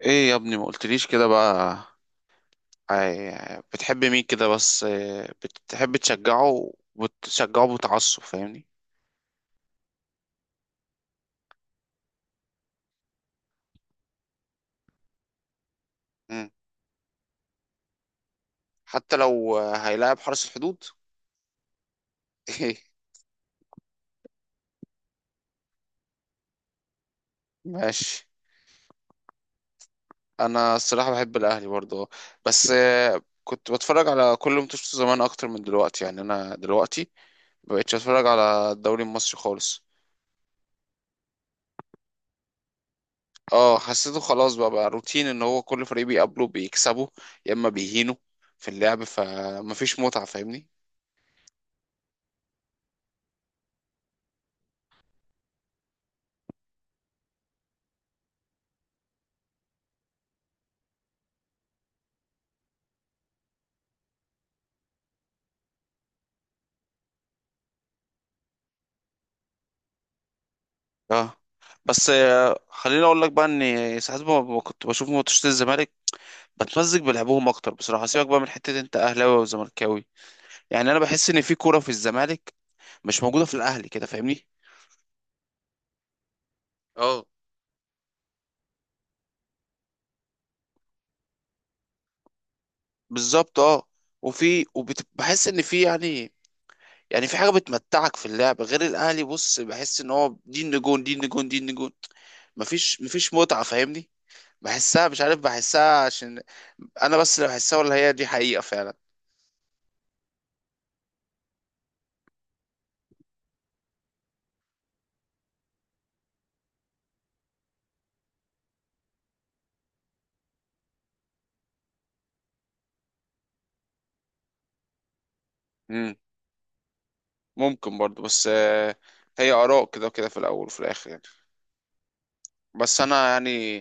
ايه يا ابني ما قلتليش كده بقى؟ بتحب مين كده بس بتحب تشجعه وبتشجعه بتعصب فاهمني؟ مم. حتى لو هيلاعب حرس الحدود. ماشي. انا الصراحة بحب الاهلي برضه، بس كنت بتفرج على كل ماتشاته زمان اكتر من دلوقتي، يعني انا دلوقتي مبقتش اتفرج على الدوري المصري خالص. اه، حسيته خلاص بقى روتين ان هو كل فريق بيقابله بيكسبه يا اما بيهينه في اللعب، فمفيش متعة فاهمني. اه، بس خليني اقول لك بقى ان ساعات ما كنت بشوف ماتشات الزمالك بتمزج بلعبهم اكتر بصراحه، سيبك بقى من حته انت اهلاوي وزملكاوي، يعني انا بحس ان في كوره في الزمالك مش موجوده في الاهلي كده فاهمني. اه بالظبط اه. وبحس ان في يعني، يعني في حاجه بتمتعك في اللعب غير الاهلي، بص بحس ان هو دي النجوم دي النجوم دي النجوم، مفيش متعه فاهمني. بحسها مش عارف بحسها، عشان انا بس اللي بحسها، ولا هي دي حقيقه فعلا؟ ممكن برضو، بس هي آراء كده وكده في الأول وفي الآخر يعني. بس أنا يعني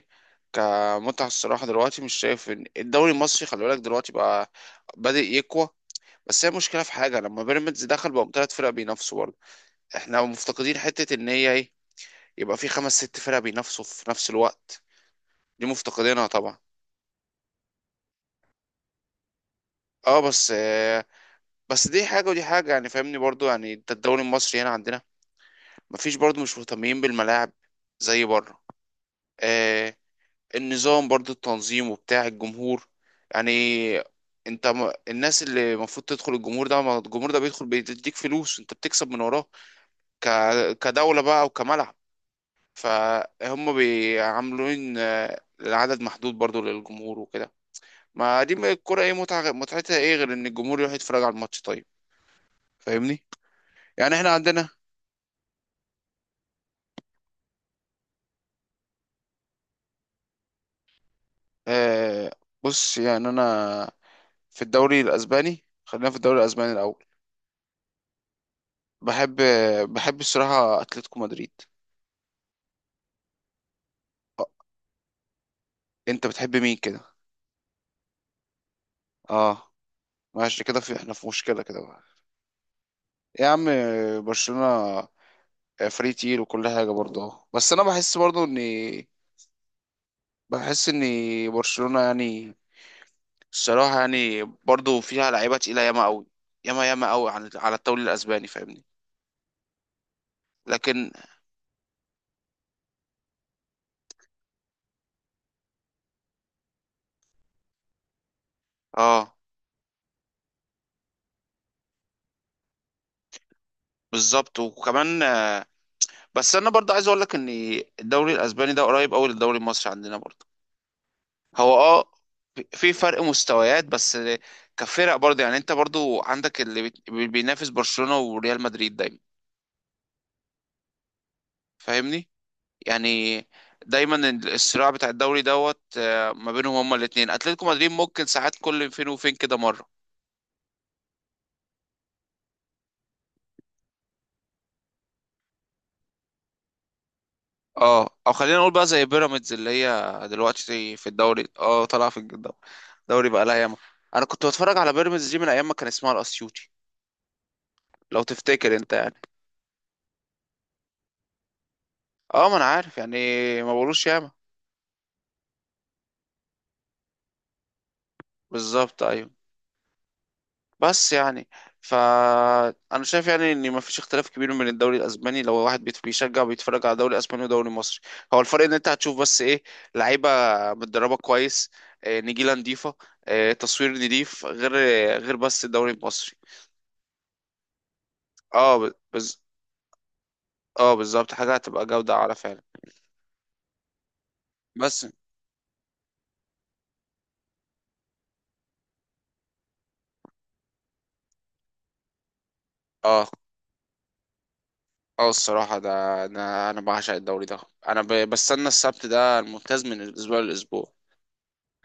كمتعة الصراحة دلوقتي مش شايف إن الدوري المصري، خلي بالك دلوقتي بقى بادئ يقوى، بس هي مشكلة في حاجة، لما بيراميدز دخل بقوا تلات فرق بينافسوا برضه، احنا مفتقدين حتة إن هي إيه، يبقى في خمس ست فرق بينافسوا في نفس الوقت، دي مفتقدينها طبعا. اه، بس دي حاجة ودي حاجة يعني فاهمني برضو، يعني انت الدوري المصري هنا عندنا مفيش برضو، مش مهتمين بالملاعب زي بره. آه، النظام برضو التنظيم وبتاع الجمهور، يعني انت ما الناس اللي المفروض تدخل الجمهور ده، ما الجمهور ده بيدخل بيديك فلوس، انت بتكسب من وراه ك... كدولة بقى وكملعب، فهم بيعاملين العدد محدود برضو للجمهور وكده، ما دي الكرة ايه، متعة متعتها ايه غير ان الجمهور يروح يتفرج على الماتش طيب فاهمني؟ يعني احنا عندنا. آه، بص يعني انا في الدوري الاسباني، خلينا في الدوري الاسباني الاول، بحب، بحب الصراحة اتلتيكو مدريد. آه، انت بتحب مين كده؟ اه ماشي كده، في احنا في مشكله كده بقى. يا عم، برشلونه فري تيل وكل حاجه برضه أهو. بس انا بحس برضه ان، بحس ان برشلونه يعني، الصراحه يعني برضه فيها لعيبه تقيله ياما قوي، ياما ياما قوي على على الدوري الاسباني فاهمني. لكن اه بالظبط. وكمان بس انا برضه عايز اقول لك ان الدوري الاسباني ده قريب قوي للدوري المصري عندنا برضه، هو اه، في فرق مستويات بس، كفرق برضه يعني انت برضه عندك اللي بينافس برشلونة وريال مدريد دايما فاهمني، يعني دايما الصراع بتاع الدوري دوت ما بينهم هما الاتنين، اتلتيكو مدريد ممكن ساعات كل فين وفين كده مرة. اه او خلينا نقول بقى زي بيراميدز اللي هي دلوقتي في الدوري، اه طالعه في الدوري، الدوري بقى لها ياما. انا كنت بتفرج على بيراميدز دي من ايام ما كان اسمها الاسيوطي لو تفتكر انت يعني، اه ما انا عارف يعني. ما بقولوش ياما. بالظبط ايوه. بس يعني فأنا شايف يعني إن مفيش اختلاف كبير بين الدوري الأسباني، لو واحد بيشجع وبيتفرج على دوري أسباني ودوري مصري، هو الفرق إن أنت هتشوف بس إيه، لعيبة متدربة كويس، نجيلة نضيفة، تصوير نضيف، غير، بس الدوري المصري. اه، اه بالظبط حاجة هتبقى جودة أعلى فعلا. بس اه، اه الصراحة ده، أنا بعشق الدوري ده، أنا بستنى السبت ده الممتاز من الأسبوع للأسبوع.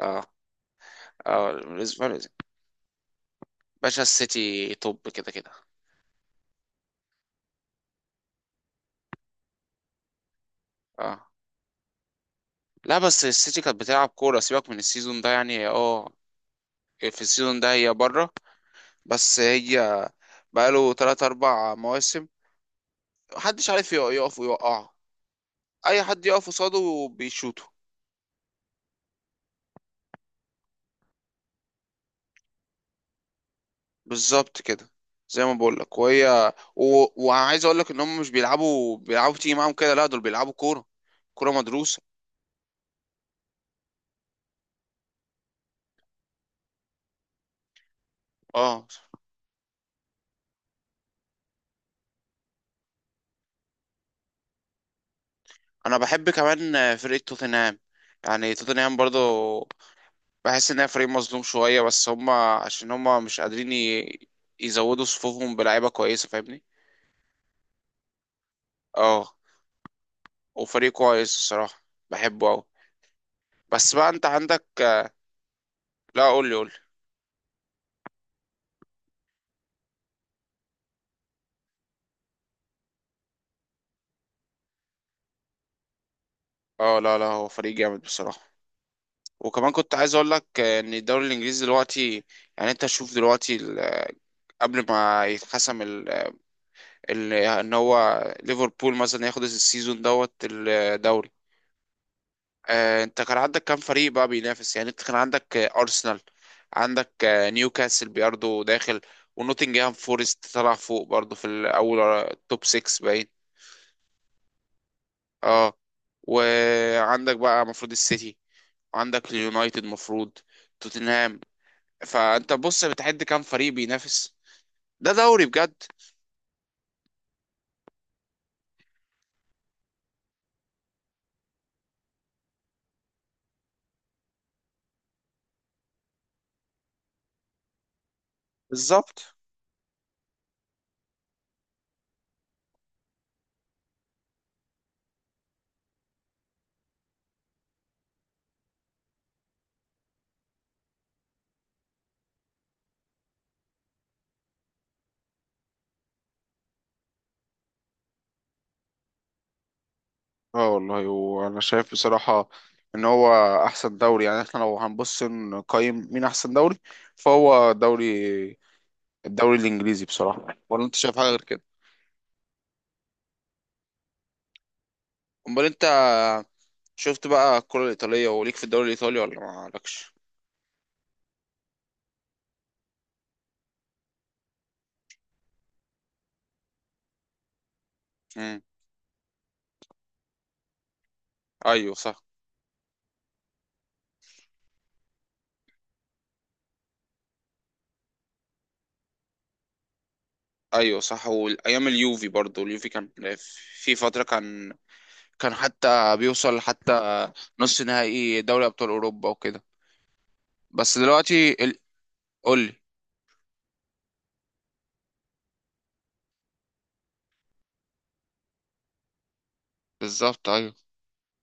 اه. اه، الأسبوع للأسبوع. باشا السيتي توب كده كده. اه لا، بس السيتي كانت بتلعب كورة، سيبك من السيزون ده يعني، هي اه في السيزون ده هي بره، بس هي بقاله تلات أربع مواسم محدش عارف يقف ويوقعه، أي حد يقف قصاده بيشوطه. بالظبط كده، زي ما بقولك وعايز أقولك إن هم مش بيلعبوا، بيلعبوا تيجي معاهم كده، لا دول بيلعبوا كورة، كورة مدروسة. اه، أنا بحب كمان فرقة توتنهام، يعني توتنهام برضه بحس ان هي فريق مظلوم شويه، بس هم عشان هم مش قادرين يزودوا صفوفهم بلعيبه كويسه فاهمني. اه وفريق كويس الصراحه، بحبه قوي، بس بقى انت عندك. لا قول لي، قول لي. اه لا لا، هو فريق جامد بصراحه. وكمان كنت عايز اقول لك ان الدوري الانجليزي دلوقتي، يعني انت شوف دلوقتي قبل ما يتحسم ان هو ليفربول مثلا ياخد السيزون دوت الدوري، انت كان عندك كام فريق بقى بينافس، يعني انت كان عندك ارسنال، عندك نيوكاسل برضه داخل، ونوتنجهام فورست طلع فوق برضه في الاول، توب 6 باين. اه، وعندك بقى المفروض السيتي، عندك اليونايتد المفروض، توتنهام، فانت بص بتعد كام فريق بينافس، ده دوري بجد. بالظبط. اه والله، وانا شايف بصراحة ان هو احسن دوري، يعني احنا لو هنبص نقيم مين احسن دوري، فهو دوري، الدوري الانجليزي بصراحه، ولا انت شايف حاجه غير كده؟ امال انت شفت بقى الكره الايطاليه وليك في الدوري الايطالي ولا ما لكش؟ امم. ايوه صح، ايوه صح. والايام اليوفي برضو، اليوفي كان في فتره كان، كان حتى بيوصل حتى نص نهائي دوري ابطال اوروبا وكده. بس دلوقتي قول لي. بالظبط ايوه.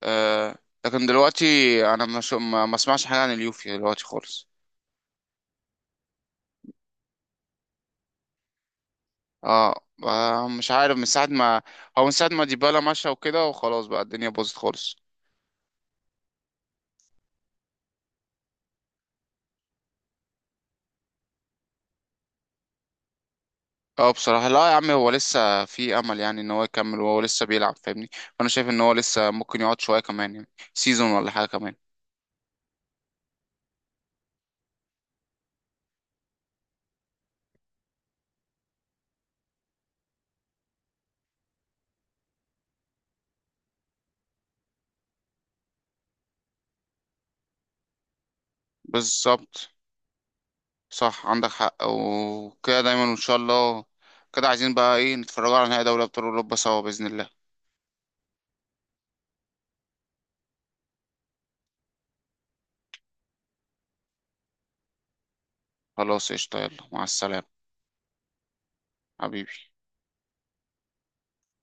آه... لكن دلوقتي انا ما شو... ما ما اسمعش حاجه عن اليوفي دلوقتي خالص. اه مش عارف من ساعة ما، هو من ساعة ما ديبالا مشى وكده، وخلاص بقى الدنيا باظت خالص. اه بصراحة لا يا عم، هو لسه في امل يعني ان هو يكمل، وهو لسه بيلعب فاهمني، فانا شايف ان هو لسه ممكن يقعد شوية كمان، يعني سيزون ولا حاجة كمان. بالظبط، صح عندك حق، وكده دايما ان شاء الله، كده عايزين بقى ايه نتفرجوا على نهائي دوري ابطال اوروبا سوا بإذن الله. خلاص قشطة، يلا مع السلامة، حبيبي.